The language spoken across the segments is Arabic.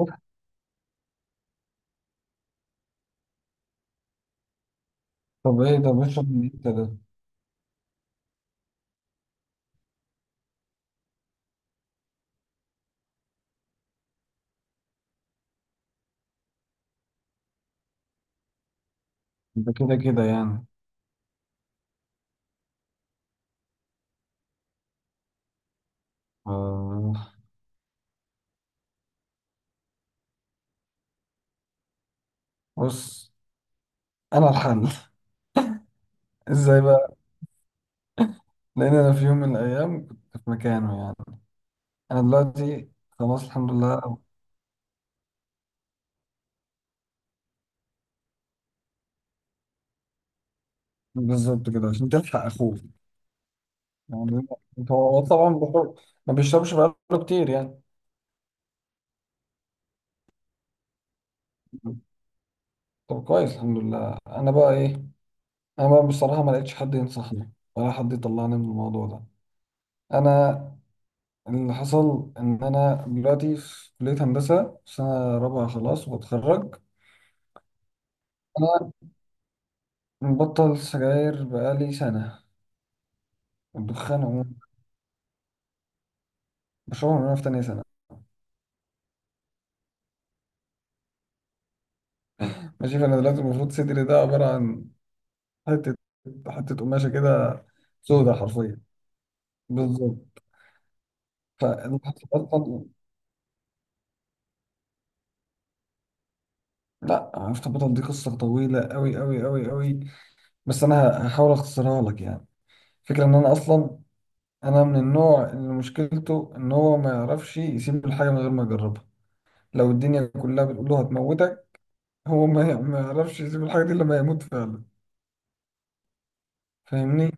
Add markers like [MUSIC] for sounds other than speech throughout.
أوف، طب ايه ده بيشرب من امتى ده؟ ده كده كده يعني. آه، بص، انا الحل [LAUGHS] ازاي بقى؟ لان انا في يوم من الايام كنت في مكانه يعني. انا دلوقتي خلاص الحمد لله. بالظبط كده عشان تلحق اخوك يعني. هو طبعا بخور. ما بيشربش بقاله كتير يعني. طب كويس الحمد لله. انا بقى ايه، انا بقى بصراحة ما لقيتش حد ينصحني ولا حد يطلعني من الموضوع ده. انا اللي حصل إن أنا دلوقتي في كلية هندسة سنة رابعة خلاص وبتخرج. أنا مبطل سجاير بقالي سنة. الدخان عموما بشربها من وأنا في تانية سنة. ماشي، فأنا دلوقتي المفروض صدري ده عبارة عن حتة، حتة قماشة كده سودة حرفيا. بالظبط. فاللي حصل أصلا، لأ عرفت أبطل. دي قصة طويلة أوي أوي أوي أوي، بس أنا هحاول أختصرها لك يعني. فكرة إن أنا أصلا أنا من النوع اللي مشكلته إن هو ما يعرفش يسيب الحاجة من غير ما يجربها. لو الدنيا كلها بتقول له هتموتك، هو ما يعرفش يسيب الحاجة دي إلا لما يموت فعلا. فاهمني،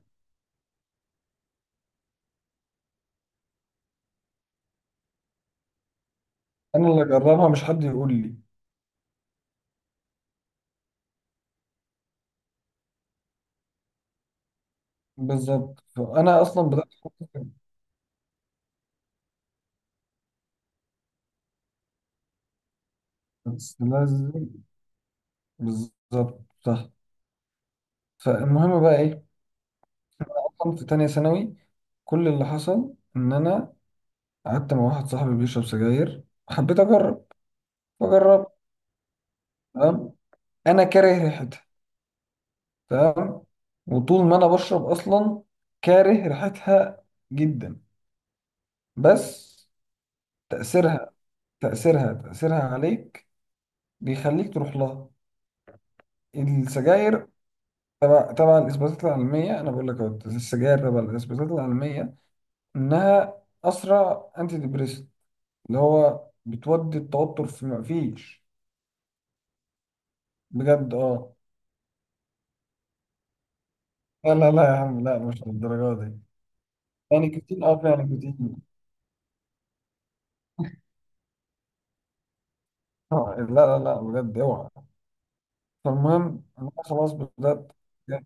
أنا اللي أجربها مش حد يقول لي. بالظبط، فأنا أصلا بدأت أفكر. بس لازم. بالظبط صح. فالمهم بقى إيه؟ أصلا في تانية ثانوي كل اللي حصل إن أنا قعدت مع واحد صاحبي بيشرب سجاير، حبيت أجرب. فجربت. تمام. أنا كاره ريحتها. تمام. وطول ما أنا بشرب أصلا كاره ريحتها جدا. بس تأثيرها، تأثيرها عليك بيخليك تروح لها، السجاير. تبع الإثباتات العلمية، أنا بقول لك أهو، السجاير تبع الإثباتات العلمية إنها أسرع أنتي ديبريسنت، اللي هو بتودي التوتر في مفيش. بجد أه. لا لا لا يا عم، لا مش للدرجة دي. يعني كتير أه، يعني كتير [LAUGHS] آه، لا لا لا بجد اوعى. فالمهم انا خلاص بدات. لا،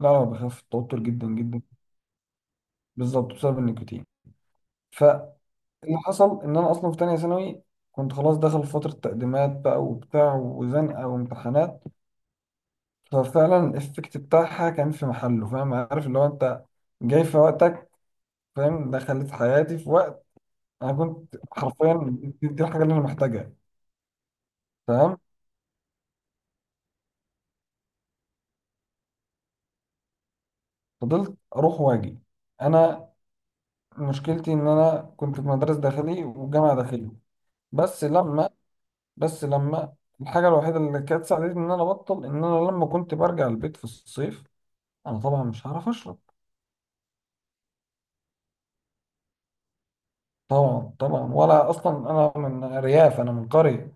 لا بخاف التوتر جدا جدا. بالظبط، بسبب النيكوتين. اللي حصل ان انا اصلا في تانية ثانوي كنت خلاص داخل في فترة تقديمات بقى وبتاع وزنقة وامتحانات. ففعلا الافكت بتاعها كان في محله، فاهم، عارف اللي هو انت جاي في وقتك، فاهم، دخلت حياتي في وقت انا كنت حرفيا دي الحاجة اللي انا محتاجها. تمام. فضلت اروح واجي. انا مشكلتي ان انا كنت في مدرسة داخلي وجامعة داخلي. بس لما بس لما الحاجة الوحيدة اللي كانت ساعدتني ان انا ابطل ان انا لما كنت برجع البيت في الصيف انا طبعا مش هعرف اشرب. طبعا طبعا، ولا اصلا انا من ارياف، انا من قريه.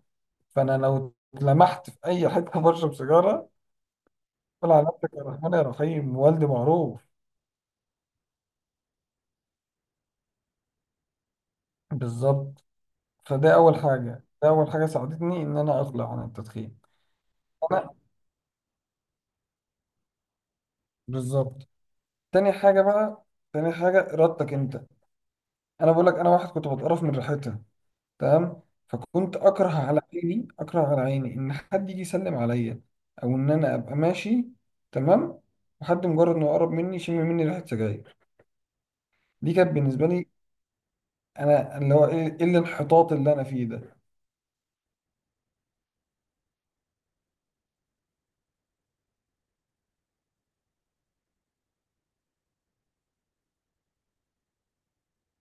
فانا لو لمحت في اي حته [LAUGHS] بشرب سيجاره، قول على نفسك يا رحمن يا رحيم، والدي معروف. بالظبط. فده اول حاجه، ده اول حاجه ساعدتني ان انا اقلع عن التدخين. انا بالظبط. تاني حاجه بقى، تاني حاجه ارادتك انت. انا بقول لك انا واحد كنت بتقرف من ريحتها. تمام. فكنت اكره على عيني، اكره على عيني ان حد يجي يسلم عليا او ان انا ابقى ماشي. تمام. وحد مجرد انه يقرب مني يشم مني ريحه سجاير، دي كانت بالنسبه لي انا اللي هو ايه إيه اللي الانحطاط اللي انا فيه ده.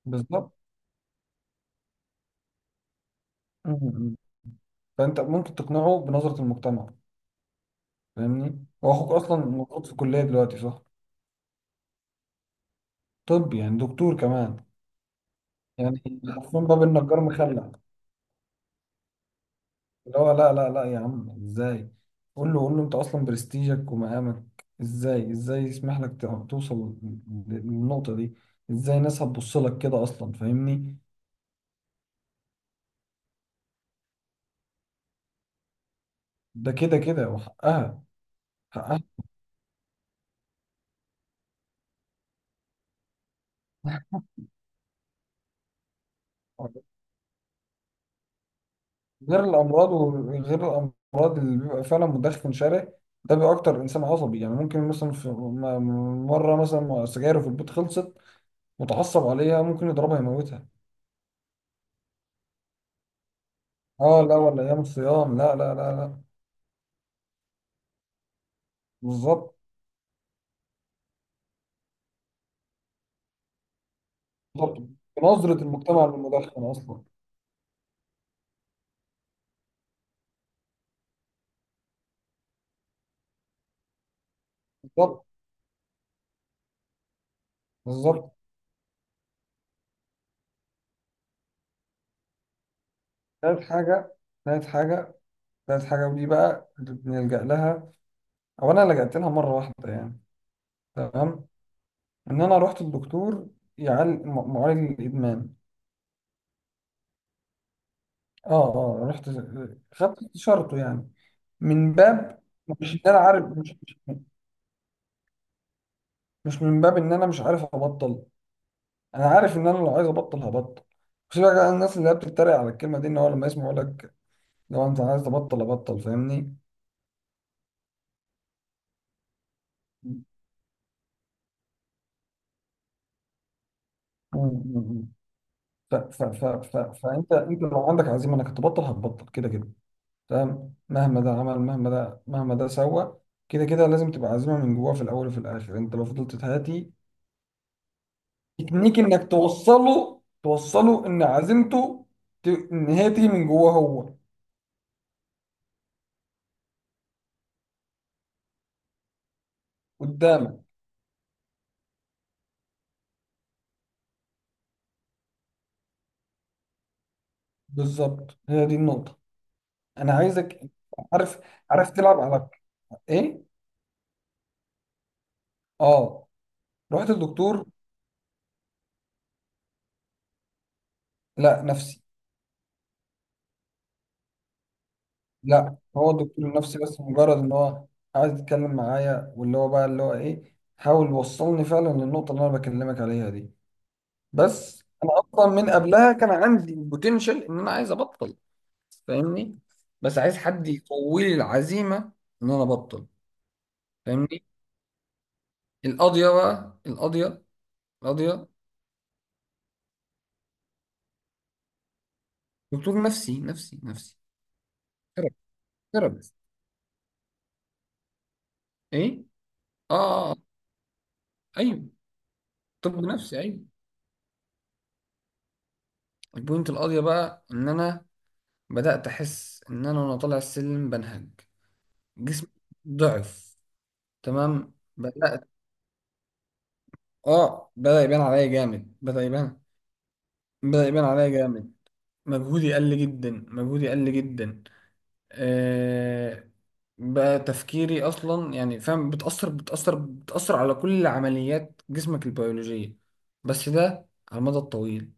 بالظبط. م- م. فانت ممكن تقنعه بنظره المجتمع. فاهمني، هو اخوك اصلا موجود في الكليه دلوقتي، صح؟ طب يعني دكتور كمان، يعني حرفيا باب النجار مخلع. اللي هو لا لا لا يا عم ازاي. قول له، قول له، انت اصلا برستيجك ومقامك ازاي، ازاي يسمح لك توصل للنقطة دي؟ ازاي الناس هتبص لك كده اصلا، فاهمني. ده كده كده وحقها. حقها. غير الامراض، وغير الامراض اللي بيبقى فعلا مدخن شره، ده بيبقى اكتر انسان عصبي. يعني ممكن مثلا في مره مثلا سجايره في البيت خلصت، متعصب عليها ممكن يضربها يموتها. اه لا، ولا ايام الصيام، لا لا لا لا. بالظبط. بالظبط بنظرة المجتمع للمدخن أصلا. بالظبط. بالظبط. تالت حاجة، تالت حاجة، تالت حاجة ودي بقى اللي بنلجأ لها، أو أنا لجأت لها مرة واحدة يعني. تمام. إن أنا رحت الدكتور يعالج، معالج الإدمان. أه أه، رحت. خدت استشارته يعني، من باب، مش إن أنا عارف، مش مش من باب إن أنا مش عارف أبطل. أنا عارف إن أنا لو عايز أبطل هبطل. بس بقى الناس اللي هي بتتريق على الكلمة دي إن هو لما يسمعوا لك لو أنت عايز تبطل أبطل، فاهمني. مم، مم. ف ف ف ف فانت انت لو عندك عزيمه انك تبطل هتبطل كده كده. تمام. مهما ده عمل، مهما ده، مهما ده سوى، كده كده لازم تبقى عزيمه من جواه في الاول وفي الاخر. انت لو فضلت تهاتي، تكنيك انك توصله، ان عزيمته ت... ان هي تيجي من جواه هو. قدامك بالظبط، هي دي النقطه. انا عايزك عارف عارف تلعب على ايه. اه، رحت الدكتور. لا، نفسي. لا، هو الدكتور النفسي بس مجرد ان هو عايز يتكلم معايا، واللي هو بقى اللي هو ايه حاول يوصلني فعلا للنقطة اللي انا بكلمك عليها دي. بس انا اصلا من قبلها كان عندي البوتنشال ان انا عايز ابطل، فاهمني. بس عايز حد يقوي لي العزيمة ان انا ابطل، فاهمني. القاضية بقى، القاضية، القاضية. دكتور نفسي نفسي نفسي، ثيرابيست. ثيرابيست. ايه، اه، ايوه، طب نفسي، ايوه. البوينت القاضية بقى ان انا بدأت أحس إن أنا وأنا طالع السلم بنهج، جسمي ضعف. تمام، بدأت. آه، بدأ يبان عليا جامد، بدأ يبان. بدأ يبان عليا جامد، مجهودي قل جدا، مجهودي قل جدا. آه. بقى تفكيري أصلا يعني فاهم، بتأثر على كل عمليات جسمك البيولوجية، بس ده على المدى الطويل،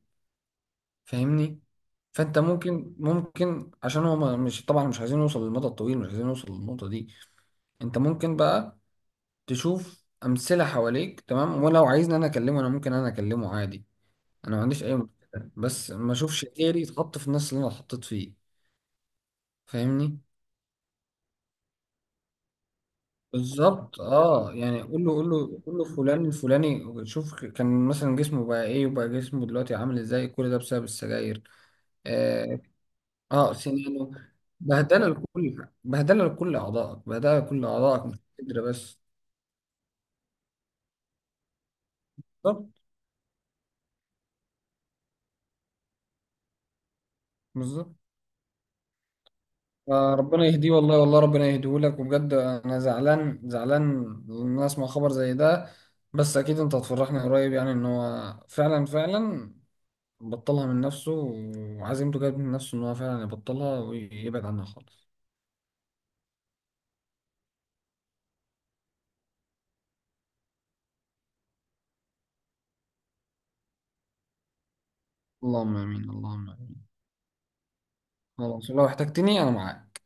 فاهمني. فأنت ممكن، عشان هو مش طبعا مش عايزين نوصل للمدى الطويل، مش عايزين نوصل للنقطة دي. انت ممكن بقى تشوف امثله حواليك. تمام. ولو عايزني انا اكلمه انا ممكن انا اكلمه عادي، انا ما عنديش اي مشكله. بس ما اشوفش غيري يتحط في الناس اللي انا اتحطيت فيه، فاهمني. بالظبط اه، يعني قول له، قول له، قول له فلان الفلاني، شوف كان مثلا جسمه بقى ايه وبقى جسمه دلوقتي عامل ازاي، كل ده بسبب السجاير. اه، آه سنانه. بهدله لكل اعضائك، بهدله لكل اعضائك، مش قدر بس. بالظبط. بالظبط. آه، ربنا يهديه والله، والله ربنا يهديه لك. وبجد انا زعلان، زعلان ان انا اسمع خبر زي ده. بس اكيد انت هتفرحني قريب يعني ان هو فعلا، فعلا بطلها من نفسه وعزيمته جت من نفسه ان هو فعلا يبطلها ويبعد عنها خالص. اللهم امين، اللهم امين. خلاص، لو احتجتني انا معاك.